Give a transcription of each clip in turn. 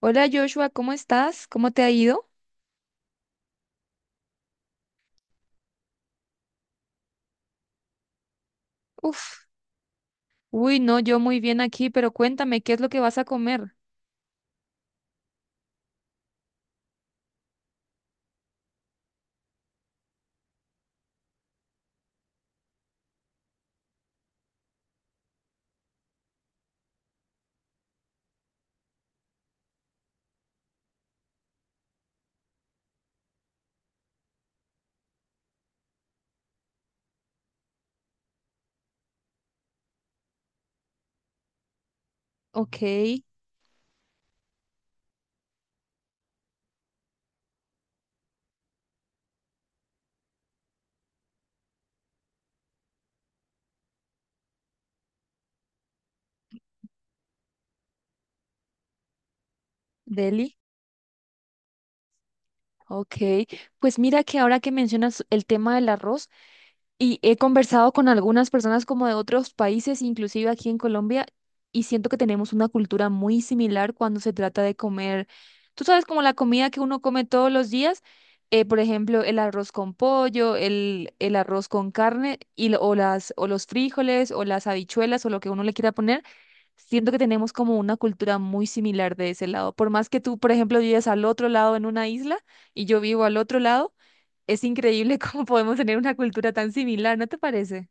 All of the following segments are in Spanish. Hola Joshua, ¿cómo estás? ¿Cómo te ha ido? Uf, uy, no, yo muy bien aquí, pero cuéntame, ¿qué es lo que vas a comer? Ok. Deli. Ok, pues mira que ahora que mencionas el tema del arroz, y he conversado con algunas personas como de otros países, inclusive aquí en Colombia, y siento que tenemos una cultura muy similar cuando se trata de comer, tú sabes, como la comida que uno come todos los días, por ejemplo, el arroz con pollo, el arroz con carne, y, o las, o los frijoles, o las habichuelas, o lo que uno le quiera poner, siento que tenemos como una cultura muy similar de ese lado. Por más que tú, por ejemplo, vives al otro lado en una isla y yo vivo al otro lado. Es increíble cómo podemos tener una cultura tan similar, ¿no te parece?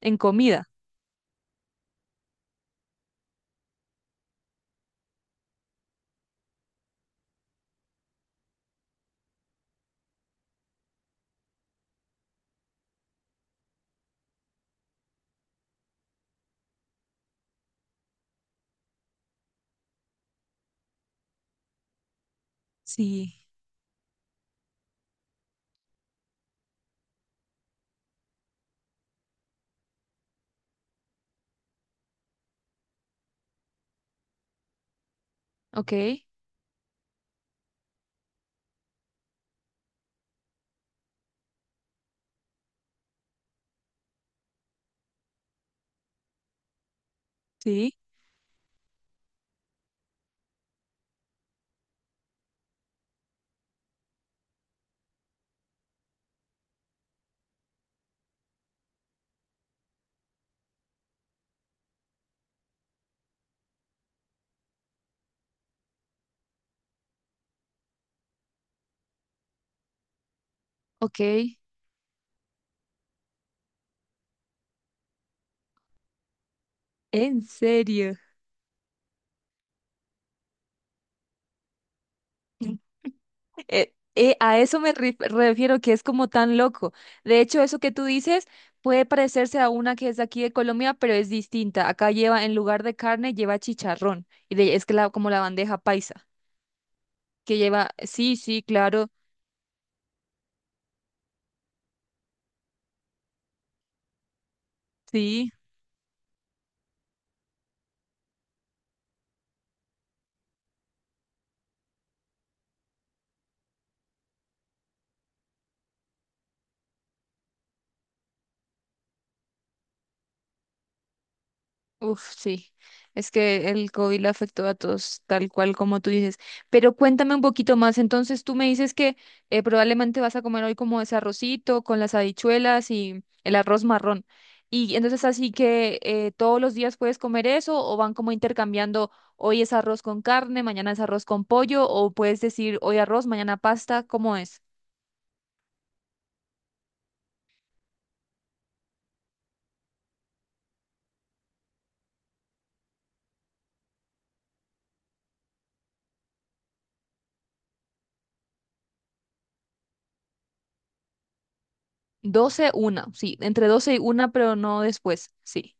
En comida. Sí, ok, sí, ok. ¿En serio? A eso me refiero, que es como tan loco. De hecho, eso que tú dices puede parecerse a una que es de aquí de Colombia, pero es distinta. Acá lleva, en lugar de carne, lleva chicharrón. Como la bandeja paisa, que lleva, sí, sí, claro, sí. Uf, sí, es que el COVID le afectó a todos, tal cual como tú dices. Pero cuéntame un poquito más, entonces tú me dices que probablemente vas a comer hoy como ese arrocito con las habichuelas y el arroz marrón. Y entonces así que todos los días puedes comer eso o van como intercambiando, hoy es arroz con carne, mañana es arroz con pollo, o puedes decir hoy arroz, mañana pasta, ¿cómo es? Doce, una, sí, entre 12 y una, pero no después, sí,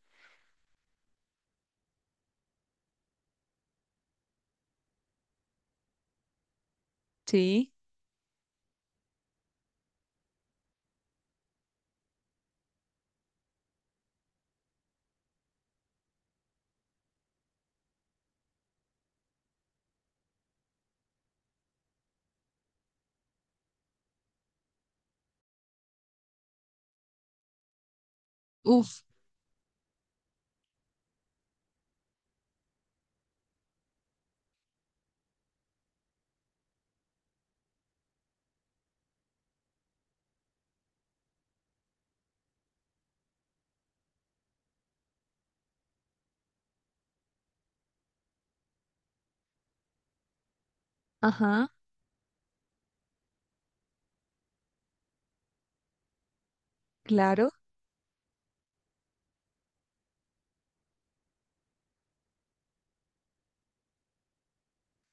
sí. Uf, ajá, claro.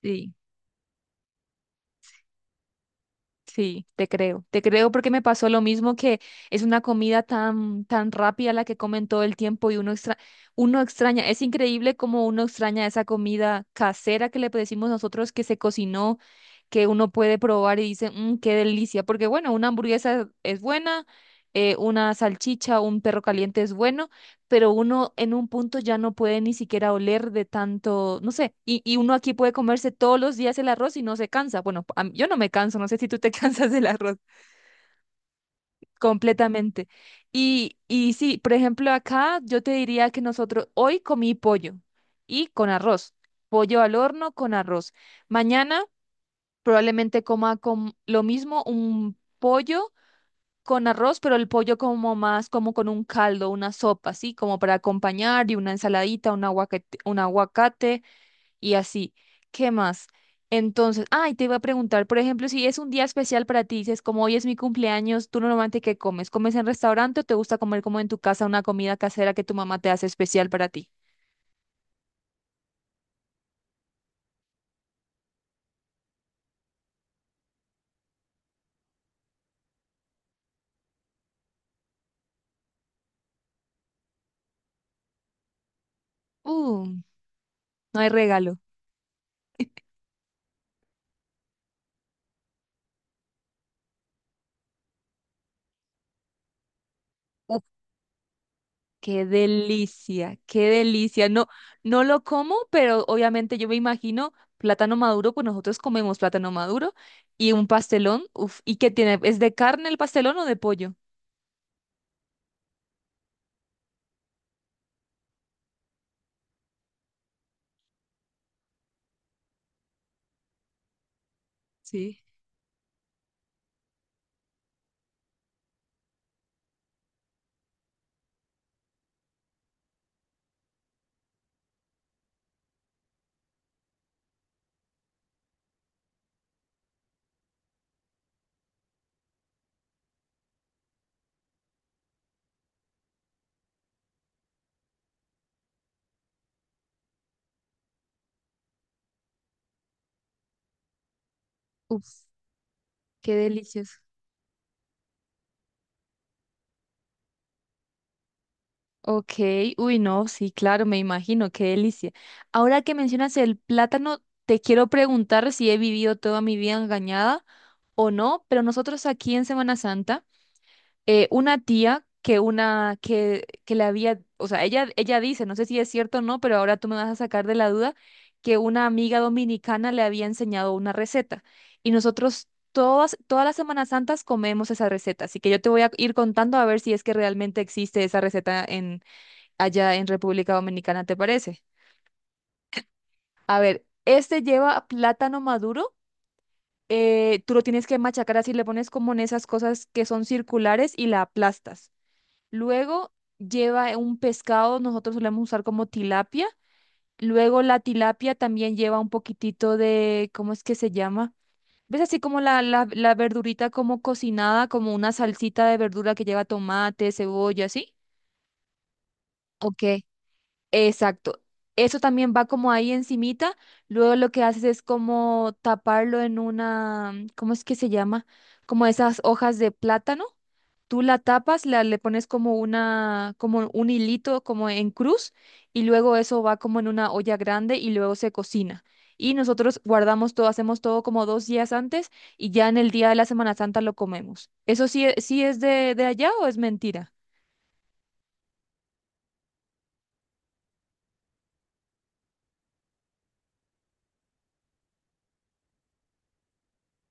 Sí. Sí, te creo, te creo, porque me pasó lo mismo, que es una comida tan, tan rápida la que comen todo el tiempo y uno extraña, es increíble como uno extraña esa comida casera que le decimos nosotros, que se cocinó, que uno puede probar y dice, "Mm, qué delicia". Porque bueno, una hamburguesa es buena, una salchicha, un perro caliente es bueno, pero uno en un punto ya no puede ni siquiera oler de tanto, no sé, y uno aquí puede comerse todos los días el arroz y no se cansa. Bueno, yo no me canso, no sé si tú te cansas del arroz completamente. Y sí, por ejemplo, acá yo te diría que nosotros, hoy comí pollo y con arroz, pollo al horno con arroz. Mañana... Probablemente coma con lo mismo, un pollo con arroz, pero el pollo como más como con un caldo, una sopa, así como para acompañar, y una ensaladita, un aguacate y así. ¿Qué más? Entonces, ay, te iba a preguntar, por ejemplo, si es un día especial para ti, dices, como hoy es mi cumpleaños, ¿tú normalmente qué comes? ¿Comes en restaurante o te gusta comer como en tu casa una comida casera que tu mamá te hace especial para ti? Uh, no hay regalo. Qué delicia, qué delicia. No, no lo como, pero obviamente yo me imagino plátano maduro, pues nosotros comemos plátano maduro y un pastelón. Uf, ¿y qué tiene? ¿Es de carne el pastelón o de pollo? Sí. Uf, qué delicioso. Ok, uy, no, sí, claro, me imagino, qué delicia. Ahora que mencionas el plátano, te quiero preguntar si he vivido toda mi vida engañada o no, pero nosotros aquí en Semana Santa una tía que le había, o sea, ella dice, no sé si es cierto o no, pero ahora tú me vas a sacar de la duda, que una amiga dominicana le había enseñado una receta. Y nosotros todas las Semanas Santas comemos esa receta. Así que yo te voy a ir contando a ver si es que realmente existe esa receta en, allá en República Dominicana, ¿te parece? A ver, este lleva plátano maduro. Tú lo tienes que machacar así, le pones como en esas cosas que son circulares y la aplastas. Luego lleva un pescado, nosotros solemos usar como tilapia. Luego la tilapia también lleva un poquitito de, ¿cómo es que se llama? ¿Ves así como la verdurita como cocinada, como una salsita de verdura que lleva tomate, cebolla, así? Ok, exacto. Eso también va como ahí encimita. Luego lo que haces es como taparlo en una, ¿cómo es que se llama? Como esas hojas de plátano. Tú la tapas, le pones como una, como un hilito, como en cruz, y luego eso va como en una olla grande y luego se cocina. Y nosotros guardamos todo, hacemos todo como dos días antes, y ya en el día de la Semana Santa lo comemos. ¿Eso sí, sí es de allá, o es mentira?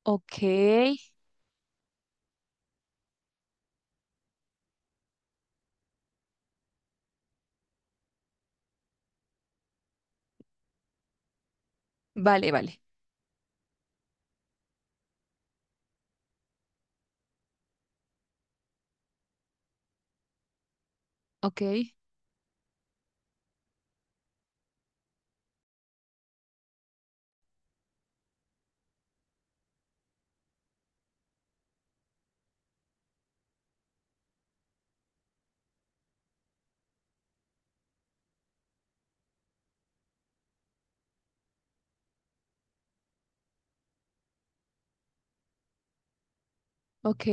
Ok, vale, vale. Ok, ok,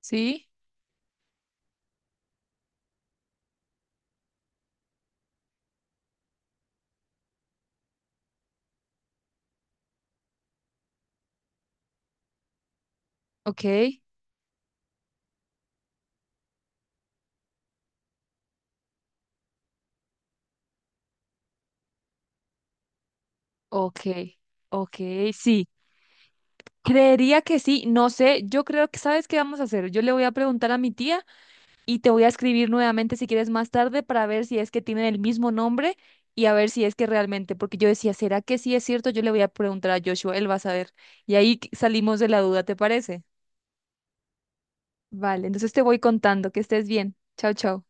sí, ok, ok, ok, sí. Creería que sí, no sé, yo creo que, ¿sabes qué vamos a hacer? Yo le voy a preguntar a mi tía y te voy a escribir nuevamente si quieres más tarde, para ver si es que tienen el mismo nombre y a ver si es que realmente, porque yo decía, ¿será que sí es cierto? Yo le voy a preguntar a Joshua, él va a saber. Y ahí salimos de la duda, ¿te parece? Vale, entonces te voy contando, que estés bien. Chao, chao.